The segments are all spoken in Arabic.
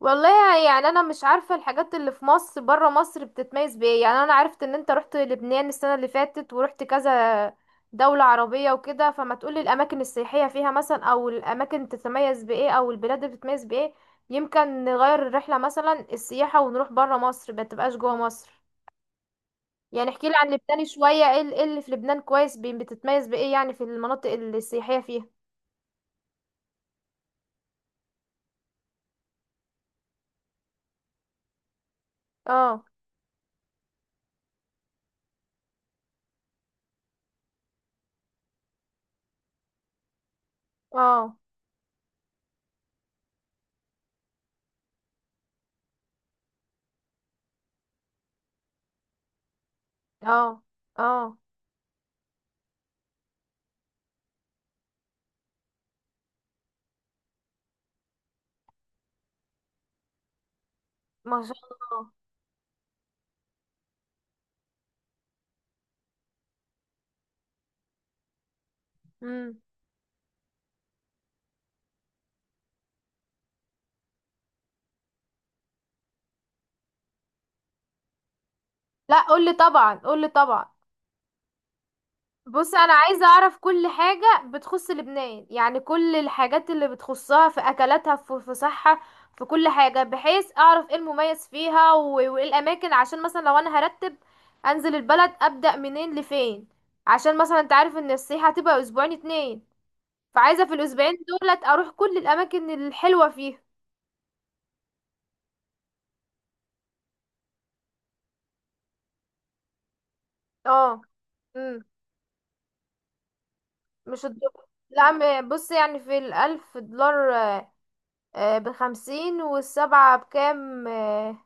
والله يعني انا مش عارفه الحاجات اللي في مصر بره مصر بتتميز بايه؟ يعني انا عرفت ان انت رحت لبنان السنه اللي فاتت ورحت كذا دوله عربيه وكده، فما تقولي الاماكن السياحيه فيها مثلا، او الاماكن تتميز بايه، او البلاد اللي بتتميز بايه؟ يمكن نغير الرحله مثلا، السياحه ونروح بره مصر ما تبقاش جوه مصر. يعني احكيلي عن لبنان شويه، ايه إيه اللي في لبنان كويس، بتتميز بايه يعني في المناطق السياحيه فيها؟ اه، اه، اه، اه، ما شاء الله. إمم. لا قولي طبعا، قولي طبعا. بص، انا عايزه اعرف كل حاجه بتخص لبنان، يعني كل الحاجات اللي بتخصها، في اكلاتها، في صحه، في كل حاجه، بحيث اعرف ايه المميز فيها، وايه الاماكن، عشان مثلا لو انا هرتب انزل البلد ابدا منين لفين، عشان مثلا انت عارف ان السياحه هتبقى اسبوعين اتنين، فعايزه في الاسبوعين دولت اروح كل الاماكن الحلوه فيها. اه. امم مش الدولار؟ لا، بص، يعني في الالف دولار بخمسين، والسبعة بكام؟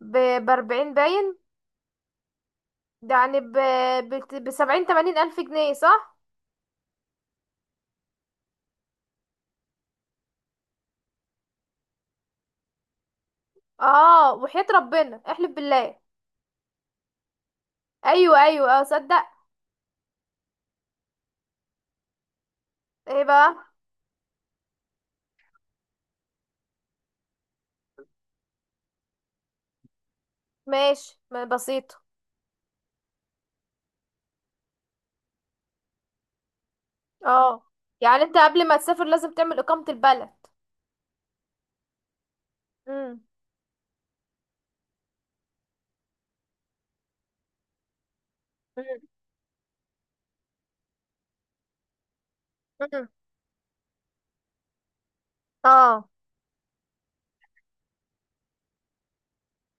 بأربعين باين، ده يعني بسبعين تمانين ألف جنيه، صح؟ اه، وحياة ربنا احلف بالله. أيوة أيوة، اه، صدق. ايه بقى؟ ماشي، ما بسيطة. اه، يعني انت قبل ما تسافر لازم تعمل إقامة البلد. مم. مم. مم. اه.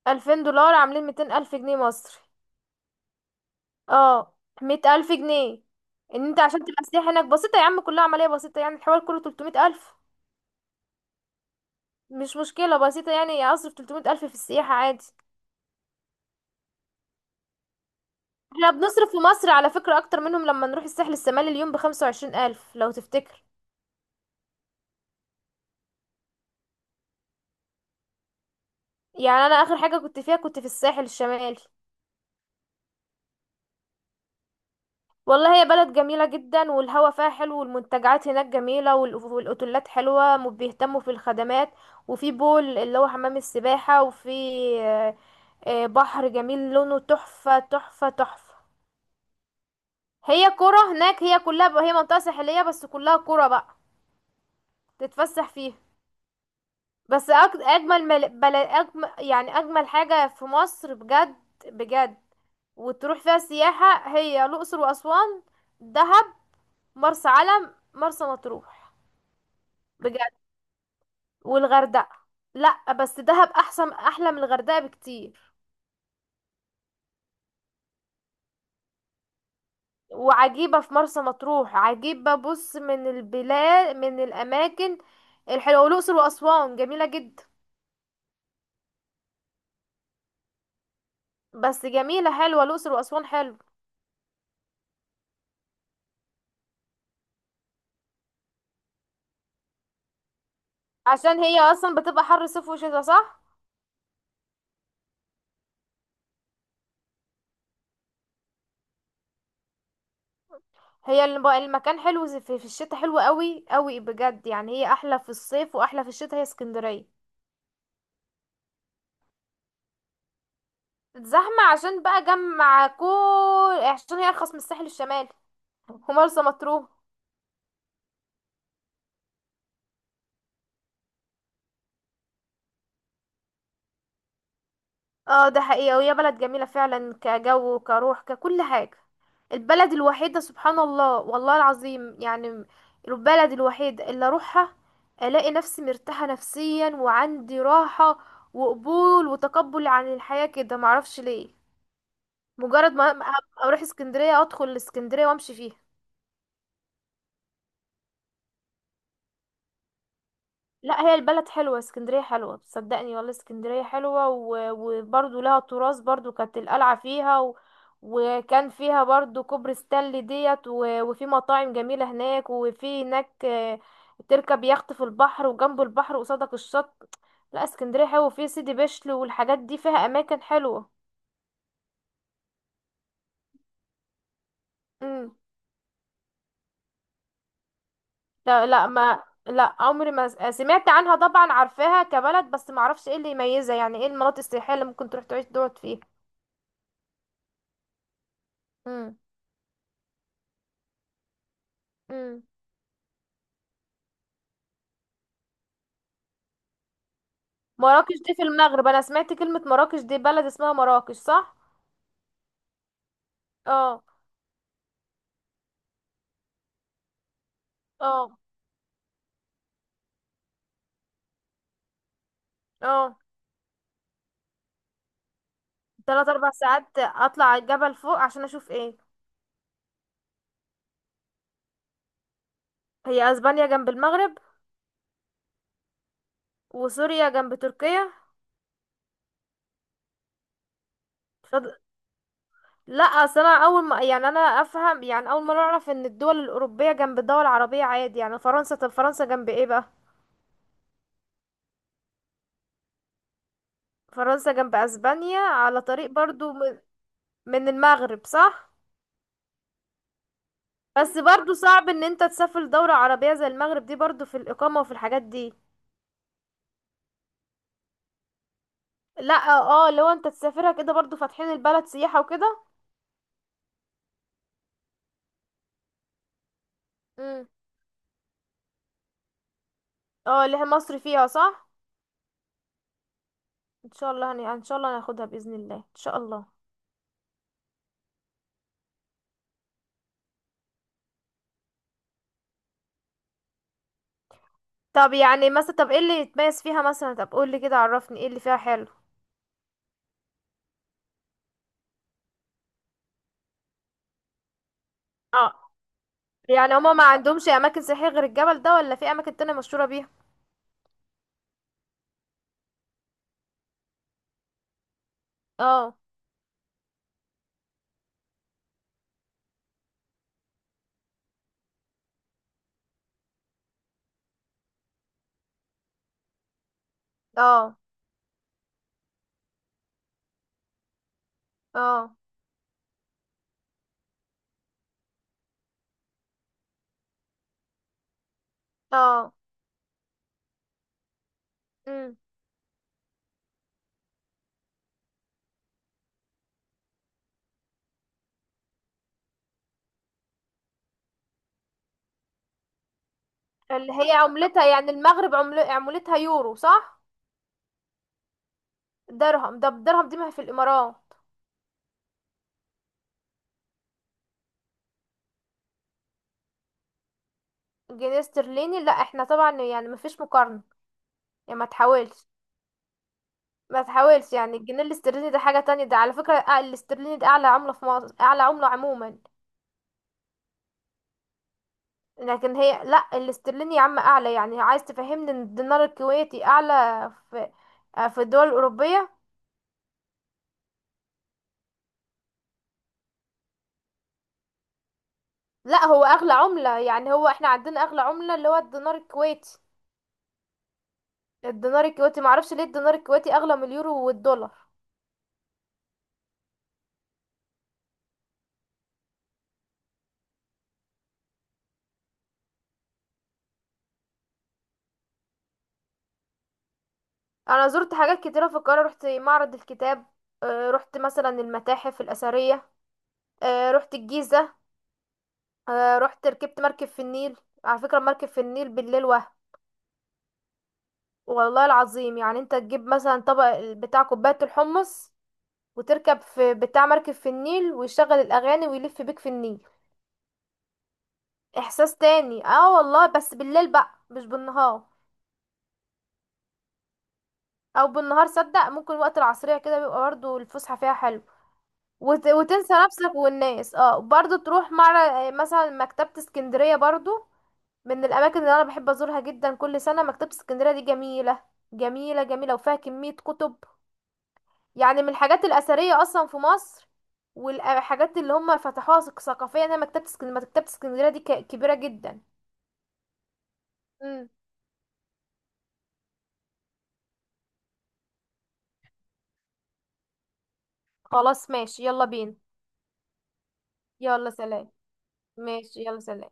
2000 دولار عاملين 200000 جنيه مصري. اه. 100000 جنيه. ان انت عشان تبقى سياح هناك بسيطة يا عم، كلها عملية بسيطة، يعني الحوار كله 300000، مش مشكلة بسيطة، يعني اصرف 300 ألف في السياحة عادي. احنا بنصرف في مصر على فكرة أكتر منهم لما نروح الساحل الشمالي، اليوم ب25000 لو تفتكر. يعني أنا آخر حاجة كنت فيها كنت في الساحل الشمالي. والله، هي بلد جميلة جدا، والهوا فيها حلو، والمنتجعات هناك جميلة، والأوتيلات حلوة، وبيهتموا في الخدمات، وفي بول اللي هو حمام السباحة، وفي آه، بحر جميل لونه تحفة تحفة تحفة. هي كرة هناك، هي كلها، هي منطقة ساحلية بس كلها كرة بقى تتفسح فيها. بس أج... اجمل مل... بل... أجمل... يعني اجمل حاجة في مصر بجد، بجد. وتروح فيها سياحة، هي الاقصر واسوان، دهب، مرسى علم، مرسى مطروح، بجد. والغردقة. لا بس دهب احسن، احلى من الغردقة بكتير. وعجيبة في مرسى مطروح، عجيبة بص من البلاد، من الاماكن الحلوة، والاقصر واسوان جميلة جدا. بس جميلة، حلوة الاقصر واسوان، حلو. عشان هي اصلا بتبقى حر صيف وشتا، صح؟ هي المكان حلو، في الشتاء حلو قوي قوي بجد، يعني هي احلى في الصيف واحلى في الشتاء، هي اسكندرية. زحمة عشان بقى جمع كل، عشان هي ارخص من الساحل الشمالي ومرسى مطروح. اه ده حقيقة، وهي بلد جميلة فعلا، كجو وكروح ككل حاجة، البلد الوحيدة سبحان الله، والله العظيم يعني البلد الوحيدة اللي اروحها الاقي نفسي مرتاحة نفسيا، وعندي راحة وقبول وتقبل عن الحياة كده، معرفش ليه. مجرد ما اروح اسكندرية، ادخل الاسكندرية وامشي فيها. لا هي البلد حلوة، اسكندرية حلوة، صدقني والله اسكندرية حلوة، وبرضو لها تراث، برضو كانت القلعة فيها، وكان فيها برضو كوبري ستانلي ديت، وفي مطاعم جميلة هناك، وفي هناك تركب يخت في البحر، وجنب البحر قصادك الشط. لا اسكندرية حلوة، وفي سيدي بشر والحاجات دي، فيها اماكن حلوة. مم. لا لا، ما لا عمري ما سمعت عنها، طبعا عارفاها كبلد، بس ما اعرفش ايه اللي يميزها، يعني ايه المناطق السياحيه اللي ممكن تروح تعيش تقعد فيها. امم امم مراكش دي في المغرب، انا سمعت كلمه مراكش دي، بلد اسمها مراكش صح؟ اه. اه. اه. 3 4 ساعات اطلع على الجبل فوق عشان اشوف ايه؟ هي اسبانيا جنب المغرب؟ وسوريا جنب تركيا. فض... لا اصل انا اول ما، يعني انا افهم يعني اول ما اعرف ان الدول الاوروبيه جنب الدول العربيه عادي، يعني فرنسا، طب فرنسا جنب ايه بقى؟ فرنسا جنب اسبانيا على طريق برضو، من المغرب صح؟ بس برضو صعب ان انت تسافر دولة عربية زي المغرب دي، برضو في الاقامة وفي الحاجات دي. لا اه، لو انت تسافرها كده برضو فاتحين البلد سياحة وكده. امم اه اللي هي مصر فيها، صح؟ ان شاء الله ان شاء الله هناخدها باذن الله ان شاء الله. طب يعني مثلا، طب ايه اللي يتميز فيها مثلا، طب قول لي كده، عرفني ايه اللي فيها حلو. اه. يعني هما ما عندهمش اماكن سياحية غير الجبل ده، ولا في اماكن تانية مشهورة بيها؟ اه. اه. اه. اه. مم. اللي هي عملتها يعني المغرب عملتها يورو صح؟ درهم؟ ده بالدرهم دي ما هي في الامارات؟ جنيه استرليني، لا احنا طبعا يعني ما فيش مقارنة، يعني ما تحاولش. ما تحاولش، يعني الجنيه الاسترليني ده حاجة تانية، ده على فكرة الاسترليني ده اعلى عملة في مصر، اعلى عملة عموما. لكن هي، لا الاسترليني يا عم اعلى، يعني عايز تفهمني ان الدينار الكويتي اعلى في في الدول الاوروبية؟ لا هو اغلى عملة، يعني هو احنا عندنا اغلى عملة اللي هو الدينار الكويتي. الدينار الكويتي معرفش ليه الدينار الكويتي اغلى من اليورو والدولار. انا زرت حاجات كتيره في القاهره، رحت معرض الكتاب، رحت مثلا المتاحف الاثريه، رحت الجيزه، رحت ركبت مركب في النيل. على فكره مركب في النيل بالليل وهم، والله العظيم يعني انت تجيب مثلا طبق بتاع كوبايه الحمص، وتركب في بتاع مركب في النيل، ويشغل الاغاني ويلف بيك في النيل، احساس تاني. اه والله بس بالليل بقى، مش بالنهار. او بالنهار صدق، ممكن وقت العصريه كده بيبقى برضه الفسحه فيها حلو، وتنسى نفسك والناس. اه، برضو تروح مع مثلا مكتبة اسكندرية، برضو من الاماكن اللي انا بحب ازورها جدا كل سنة، مكتبة اسكندرية دي جميلة، جميلة، جميلة، وفيها كمية كتب، يعني من الحاجات الاثرية اصلا في مصر، والحاجات اللي هم فتحوها ثقافيا، هي مكتبة اسكندرية، مكتبة اسكندرية دي كبيرة جدا. مم. خلاص ماشي يلا بينا. يلا سلام. ماشي يلا سلام.